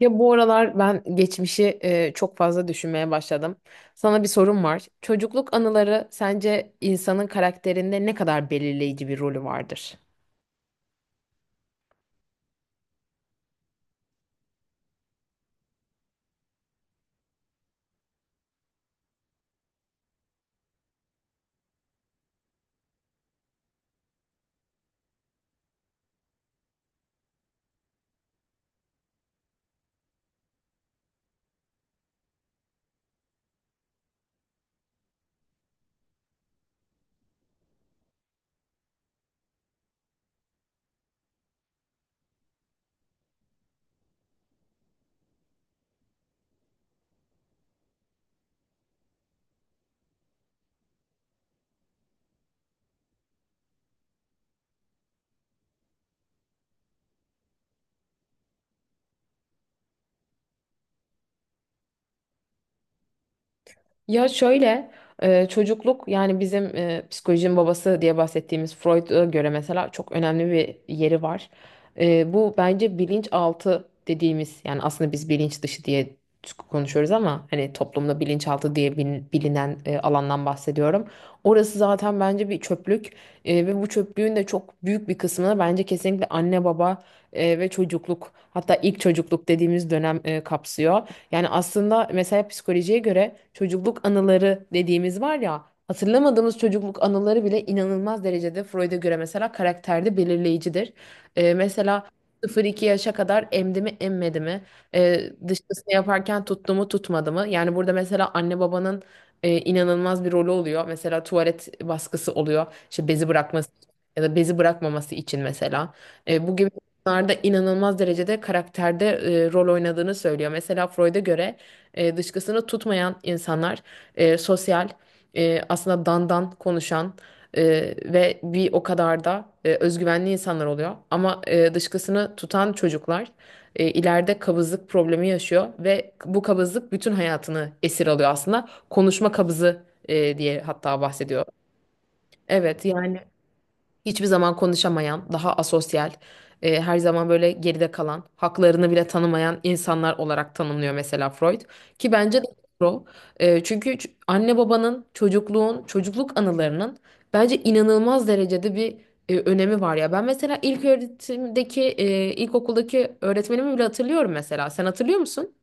Ya bu aralar ben geçmişi çok fazla düşünmeye başladım. Sana bir sorum var. Çocukluk anıları sence insanın karakterinde ne kadar belirleyici bir rolü vardır? Ya şöyle çocukluk yani bizim psikolojinin babası diye bahsettiğimiz Freud'a göre mesela çok önemli bir yeri var. Bu bence bilinçaltı dediğimiz yani aslında biz bilinç dışı diye konuşuyoruz ama hani toplumda bilinçaltı diye bilinen alandan bahsediyorum. Orası zaten bence bir çöplük. Ve bu çöplüğün de çok büyük bir kısmını bence kesinlikle anne baba ve çocukluk, hatta ilk çocukluk dediğimiz dönem kapsıyor. Yani aslında mesela psikolojiye göre çocukluk anıları dediğimiz var ya, hatırlamadığımız çocukluk anıları bile inanılmaz derecede Freud'a göre mesela karakterde belirleyicidir. Mesela 0-2 yaşa kadar emdi mi emmedi mi? Dışkısını yaparken tuttu mu tutmadı mı? Yani burada mesela anne babanın inanılmaz bir rolü oluyor. Mesela tuvalet baskısı oluyor. İşte bezi bırakması ya da bezi bırakmaması için mesela. E, bu gibi Bunlar da inanılmaz derecede karakterde rol oynadığını söylüyor. Mesela Freud'a göre dışkısını tutmayan insanlar sosyal, aslında dandan konuşan e, ve bir o kadar da özgüvenli insanlar oluyor. Ama dışkısını tutan çocuklar ileride kabızlık problemi yaşıyor ve bu kabızlık bütün hayatını esir alıyor aslında. Konuşma kabızı diye hatta bahsediyor. Evet yani hiçbir zaman konuşamayan, daha asosyal, her zaman böyle geride kalan, haklarını bile tanımayan insanlar olarak tanımlıyor mesela Freud. Ki bence de doğru. Çünkü anne babanın, çocukluğun, çocukluk anılarının bence inanılmaz derecede bir önemi var ya. Ben mesela ilk öğretimdeki, ilkokuldaki öğretmenimi bile hatırlıyorum mesela. Sen hatırlıyor musun?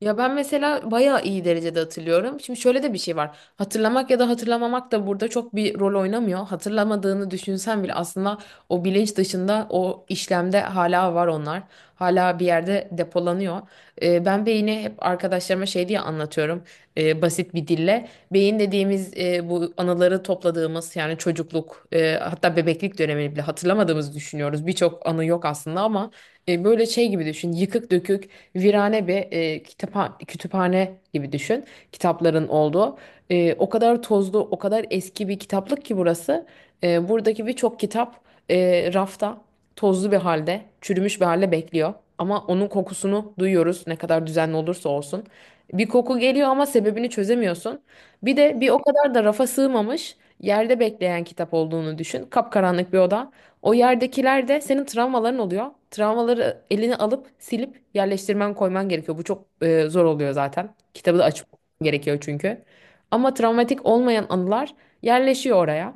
Ya ben mesela bayağı iyi derecede hatırlıyorum. Şimdi şöyle de bir şey var. Hatırlamak ya da hatırlamamak da burada çok bir rol oynamıyor. Hatırlamadığını düşünsen bile aslında o bilinç dışında o işlemde hala var onlar. Hala bir yerde depolanıyor. Ben beyni hep arkadaşlarıma şey diye anlatıyorum, basit bir dille. Beyin dediğimiz, bu anıları topladığımız, yani çocukluk, hatta bebeklik dönemini bile hatırlamadığımızı düşünüyoruz. Birçok anı yok aslında, ama böyle şey gibi düşün, yıkık dökük virane bir kütüphane gibi düşün. Kitapların olduğu. O kadar tozlu, o kadar eski bir kitaplık ki burası. Buradaki birçok kitap rafta tozlu bir halde, çürümüş bir halde bekliyor. Ama onun kokusunu duyuyoruz, ne kadar düzenli olursa olsun. Bir koku geliyor ama sebebini çözemiyorsun. Bir de bir o kadar da rafa sığmamış, yerde bekleyen kitap olduğunu düşün. Kapkaranlık bir oda. O yerdekiler de senin travmaların oluyor. Travmaları elini alıp silip yerleştirmen, koyman gerekiyor. Bu çok zor oluyor zaten. Kitabı da açman gerekiyor çünkü. Ama travmatik olmayan anılar yerleşiyor oraya.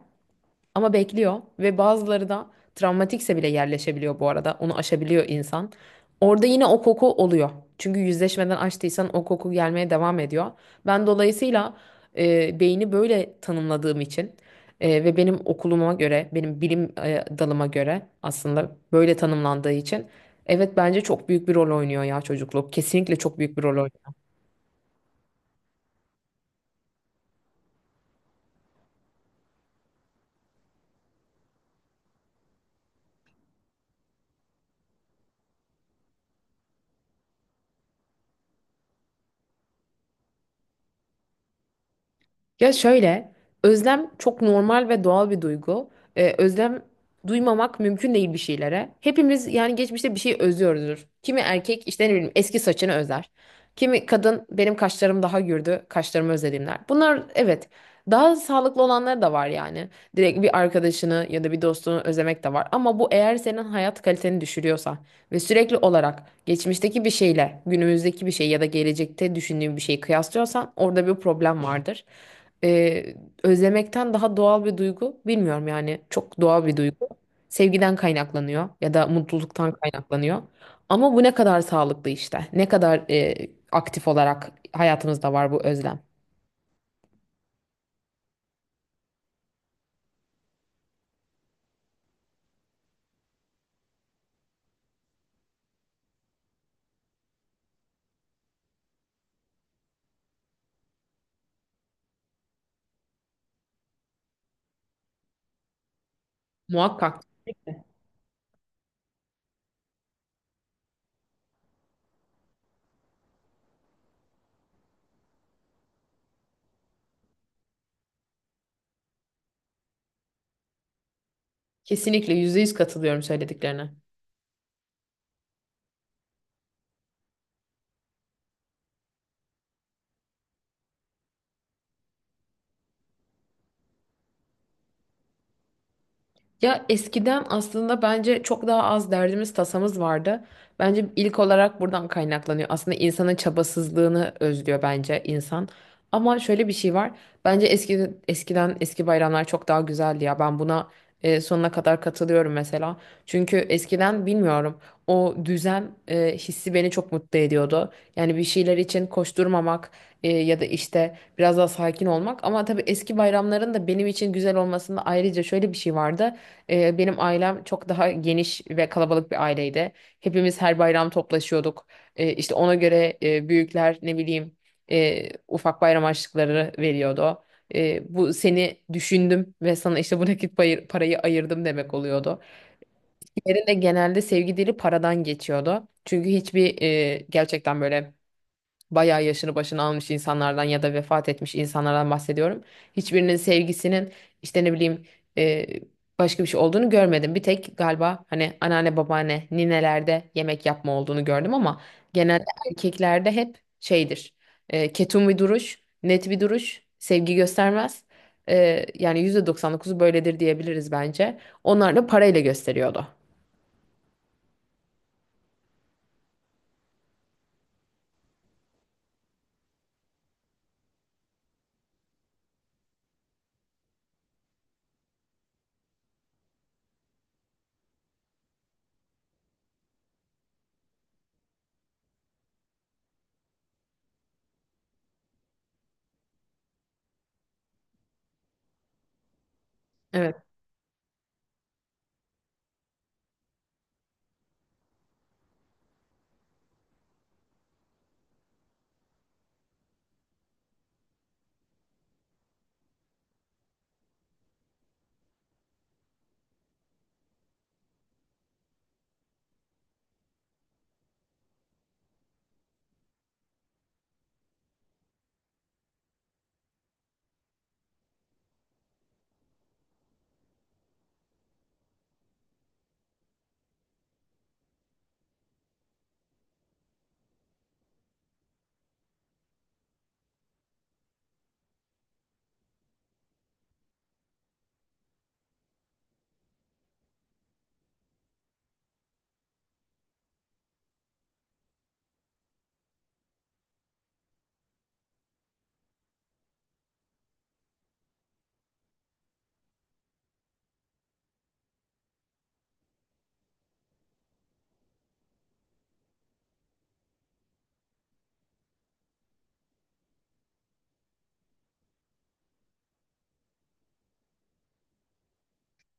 Ama bekliyor, ve bazıları da travmatikse bile yerleşebiliyor bu arada. Onu aşabiliyor insan. Orada yine o koku oluyor. Çünkü yüzleşmeden açtıysan o koku gelmeye devam ediyor. Ben dolayısıyla beyni böyle tanımladığım için ve benim okuluma göre, benim bilim dalıma göre aslında böyle tanımlandığı için, evet bence çok büyük bir rol oynuyor ya çocukluk. Kesinlikle çok büyük bir rol oynuyor. Ya şöyle, özlem çok normal ve doğal bir duygu. Özlem duymamak mümkün değil bir şeylere. Hepimiz yani geçmişte bir şey özlüyoruzdur. Kimi erkek işte ne bileyim eski saçını özler. Kimi kadın benim kaşlarım daha gürdü, kaşlarımı özledim der. Bunlar evet, daha sağlıklı olanları da var yani. Direkt bir arkadaşını ya da bir dostunu özlemek de var. Ama bu eğer senin hayat kaliteni düşürüyorsa ve sürekli olarak geçmişteki bir şeyle günümüzdeki bir şey ya da gelecekte düşündüğün bir şeyi kıyaslıyorsan orada bir problem vardır. e, Özlemekten daha doğal bir duygu bilmiyorum, yani çok doğal bir duygu. Sevgiden kaynaklanıyor ya da mutluluktan kaynaklanıyor. Ama bu ne kadar sağlıklı işte. Ne kadar aktif olarak hayatımızda var bu özlem. Muhakkak. Kesinlikle %100 katılıyorum söylediklerine. Ya eskiden aslında bence çok daha az derdimiz tasamız vardı. Bence ilk olarak buradan kaynaklanıyor. Aslında insanın çabasızlığını özlüyor bence insan. Ama şöyle bir şey var. Bence eskiden eski bayramlar çok daha güzeldi ya. Ben buna sonuna kadar katılıyorum mesela. Çünkü eskiden, bilmiyorum, o düzen hissi beni çok mutlu ediyordu. Yani bir şeyler için koşturmamak, ya da işte biraz daha sakin olmak. Ama tabii eski bayramların da benim için güzel olmasında ayrıca şöyle bir şey vardı. Benim ailem çok daha geniş ve kalabalık bir aileydi. Hepimiz her bayram toplaşıyorduk. İşte ona göre büyükler ne bileyim ufak bayram harçlıkları veriyordu. Bu seni düşündüm ve sana işte bu nakit parayı ayırdım demek oluyordu. Diğerinde genelde sevgi dili paradan geçiyordu. Çünkü hiçbir gerçekten böyle bayağı yaşını başını almış insanlardan ya da vefat etmiş insanlardan bahsediyorum. Hiçbirinin sevgisinin işte ne bileyim e, başka bir şey olduğunu görmedim. Bir tek galiba hani anneanne, babaanne, ninelerde yemek yapma olduğunu gördüm ama genelde erkeklerde hep şeydir. Ketum bir duruş, net bir duruş, sevgi göstermez. Yani %99'u böyledir diyebiliriz bence. Onlar da parayla gösteriyordu. Evet.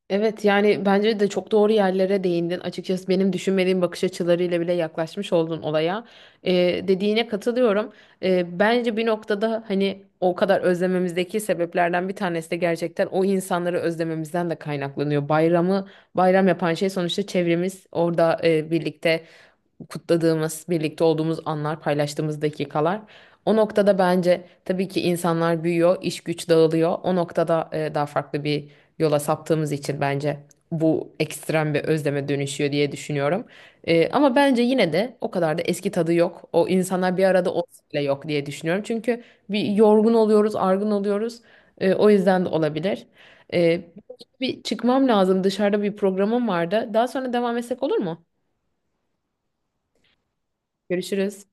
Evet yani bence de çok doğru yerlere değindin. Açıkçası benim düşünmediğim bakış açılarıyla bile yaklaşmış oldun olaya. Ee, Dediğine katılıyorum. Bence bir noktada hani o kadar özlememizdeki sebeplerden bir tanesi de gerçekten o insanları özlememizden de kaynaklanıyor. Bayramı bayram yapan şey sonuçta çevremiz, orada birlikte kutladığımız, birlikte olduğumuz anlar, paylaştığımız dakikalar. O noktada bence tabii ki insanlar büyüyor, iş güç dağılıyor. O noktada daha farklı bir yola saptığımız için bence bu ekstrem bir özleme dönüşüyor diye düşünüyorum. Ama bence yine de o kadar da eski tadı yok. O insanlar bir arada olsa bile yok diye düşünüyorum. Çünkü bir yorgun oluyoruz, argın oluyoruz. O yüzden de olabilir. E, Bir çıkmam lazım. Dışarıda bir programım vardı. Daha sonra devam etsek olur mu? Görüşürüz.